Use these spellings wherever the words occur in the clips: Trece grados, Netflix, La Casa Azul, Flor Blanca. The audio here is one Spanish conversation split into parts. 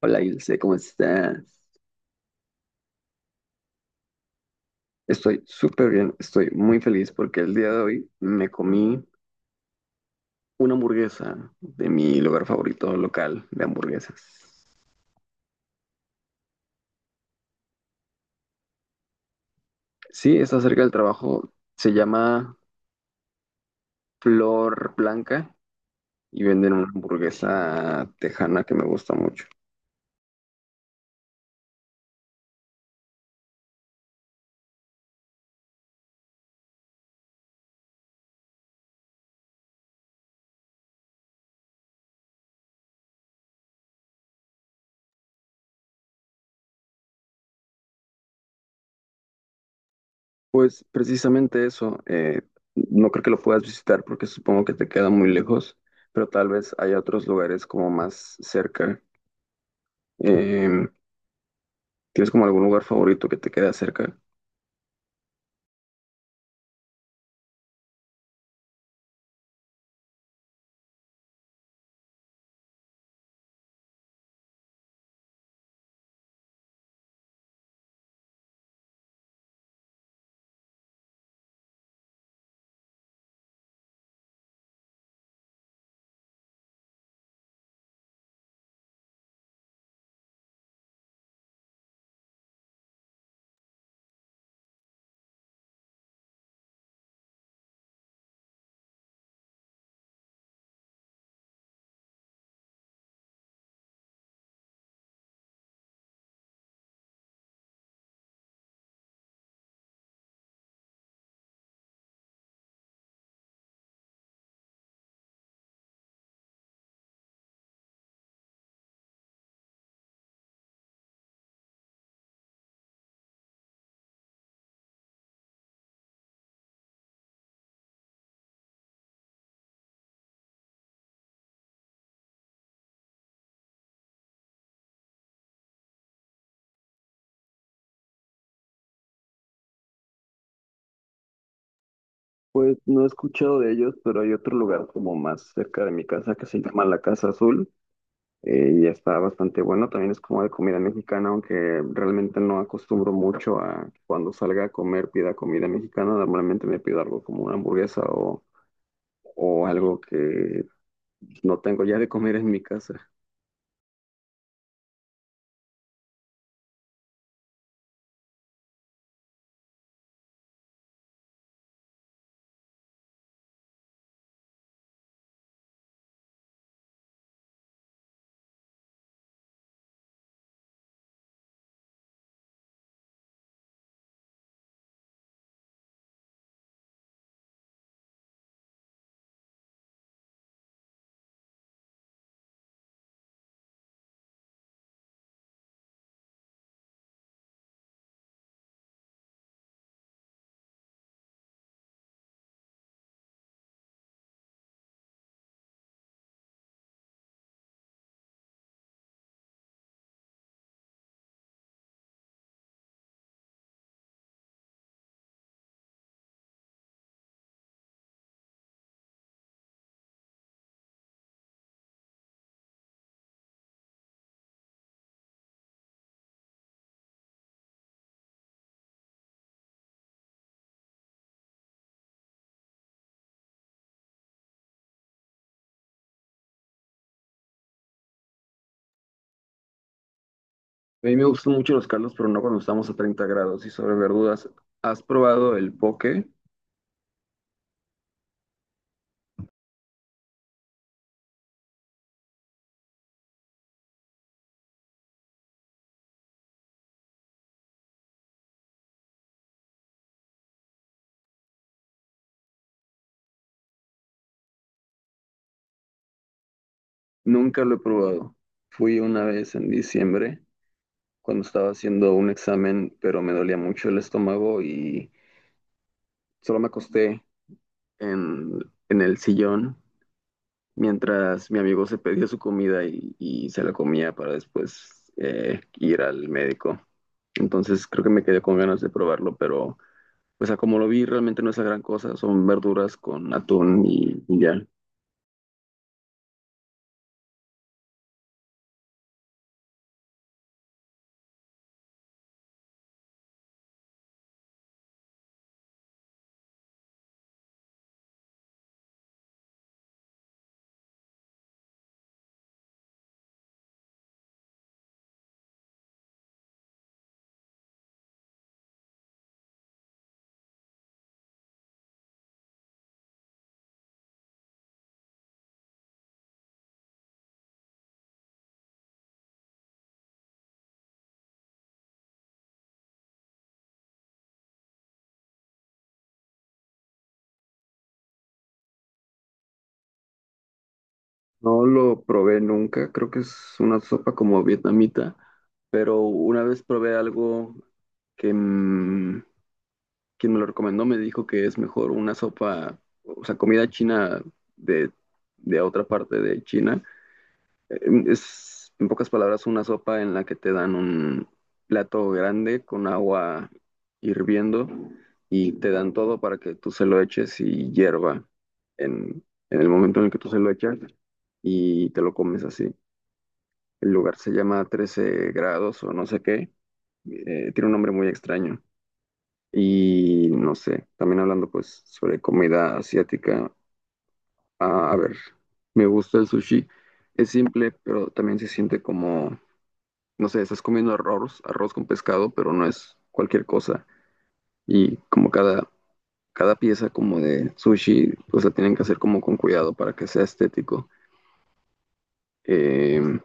Hola, Ilse, ¿cómo estás? Estoy súper bien, estoy muy feliz porque el día de hoy me comí una hamburguesa de mi lugar favorito local de hamburguesas. Sí, está cerca del trabajo, se llama Flor Blanca y venden una hamburguesa tejana que me gusta mucho. Pues precisamente eso, no creo que lo puedas visitar porque supongo que te queda muy lejos, pero tal vez hay otros lugares como más cerca. Em, ¿Tienes como algún lugar favorito que te quede cerca? Pues no he escuchado de ellos, pero hay otro lugar como más cerca de mi casa que se llama La Casa Azul, y está bastante bueno. También es como de comida mexicana, aunque realmente no acostumbro mucho a cuando salga a comer pida comida mexicana. Normalmente me pido algo como una hamburguesa o algo que no tengo ya de comer en mi casa. A mí me gustan mucho los caldos, pero no cuando estamos a 30 grados. Y sobre verduras, ¿has probado el poke? Nunca lo he probado. Fui una vez en diciembre cuando estaba haciendo un examen, pero me dolía mucho el estómago y solo me acosté en, en el sillón mientras mi amigo se pedía su comida y se la comía para después ir al médico. Entonces creo que me quedé con ganas de probarlo, pero pues a como lo vi realmente no es la gran cosa, son verduras con atún y ya. No lo probé nunca, creo que es una sopa como vietnamita, pero una vez probé algo que quien me lo recomendó me dijo que es mejor una sopa, o sea, comida china de, de otra parte de China. Eh, Es, en pocas palabras, una sopa en la que te dan un plato grande con agua hirviendo y te dan todo para que tú se lo eches y hierva en, en el momento en el que tú se lo echas y te lo comes así. El lugar se llama Trece grados o no sé qué. Tiene un nombre muy extraño. Y no sé, también hablando pues sobre comida asiática, a ver, me gusta el sushi, es simple, pero también se siente como, no sé, estás comiendo arroz, arroz con pescado, pero no es cualquier cosa. Y como cada pieza como de sushi, pues la tienen que hacer como con cuidado para que sea estético. Eh,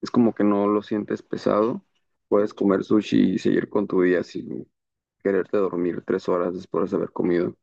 es como que no lo sientes pesado, puedes comer sushi y seguir con tu día sin quererte dormir 3 horas después de haber comido.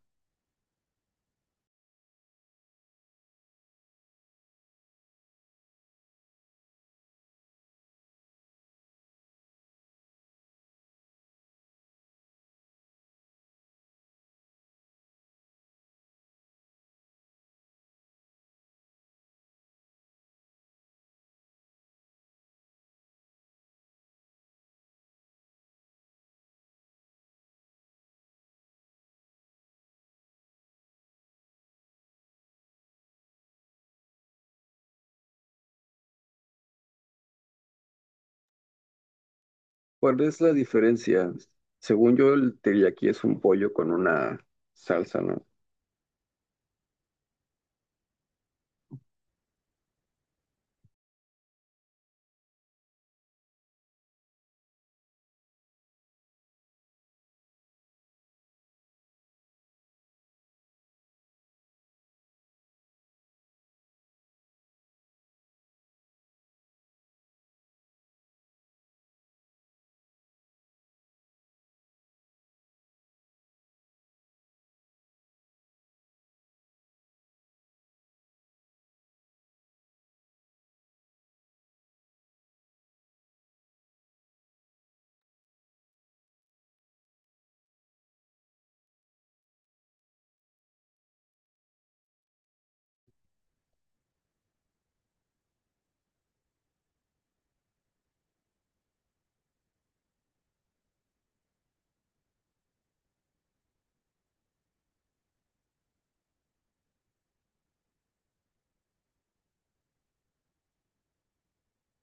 ¿Cuál es la diferencia? Según yo, el teriyaki es un pollo con una salsa, ¿no?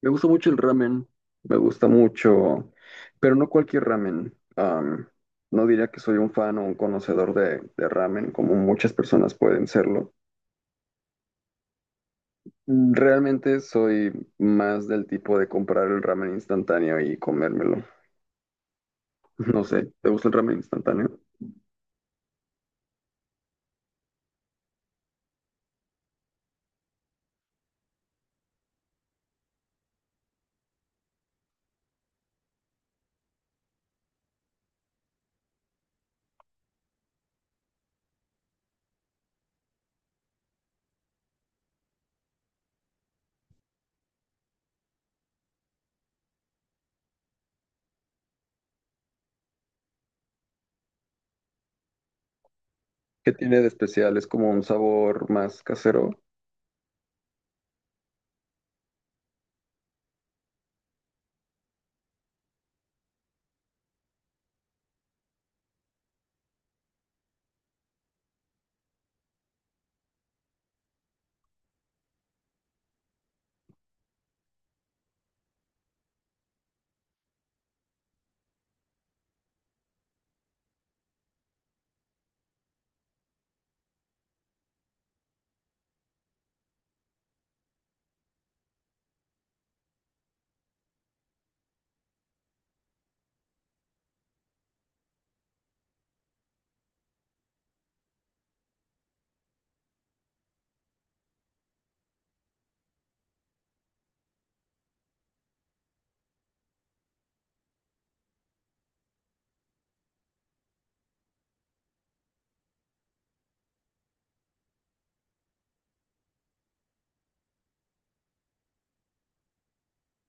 Me gusta mucho el ramen, me gusta mucho, pero no cualquier ramen. No diría que soy un fan o un conocedor de ramen, como muchas personas pueden serlo. Realmente soy más del tipo de comprar el ramen instantáneo y comérmelo. No sé, ¿te gusta el ramen instantáneo? ¿Qué tiene de especial? ¿Es como un sabor más casero?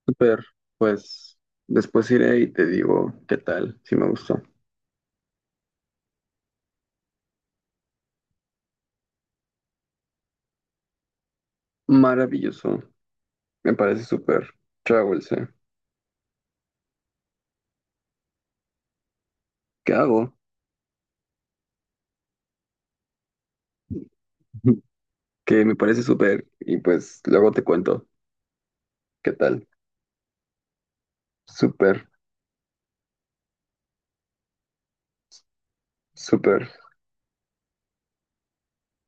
Super, pues después iré y te digo qué tal, si me gustó. Maravilloso, me parece súper. Chao, Ilse. ¿Qué hago? Que me parece súper y pues luego te cuento qué tal. Súper, súper.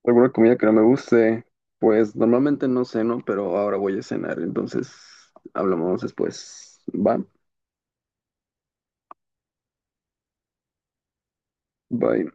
¿Alguna comida que no me guste? Pues normalmente no ceno, pero ahora voy a cenar, entonces hablamos después. Va, bye.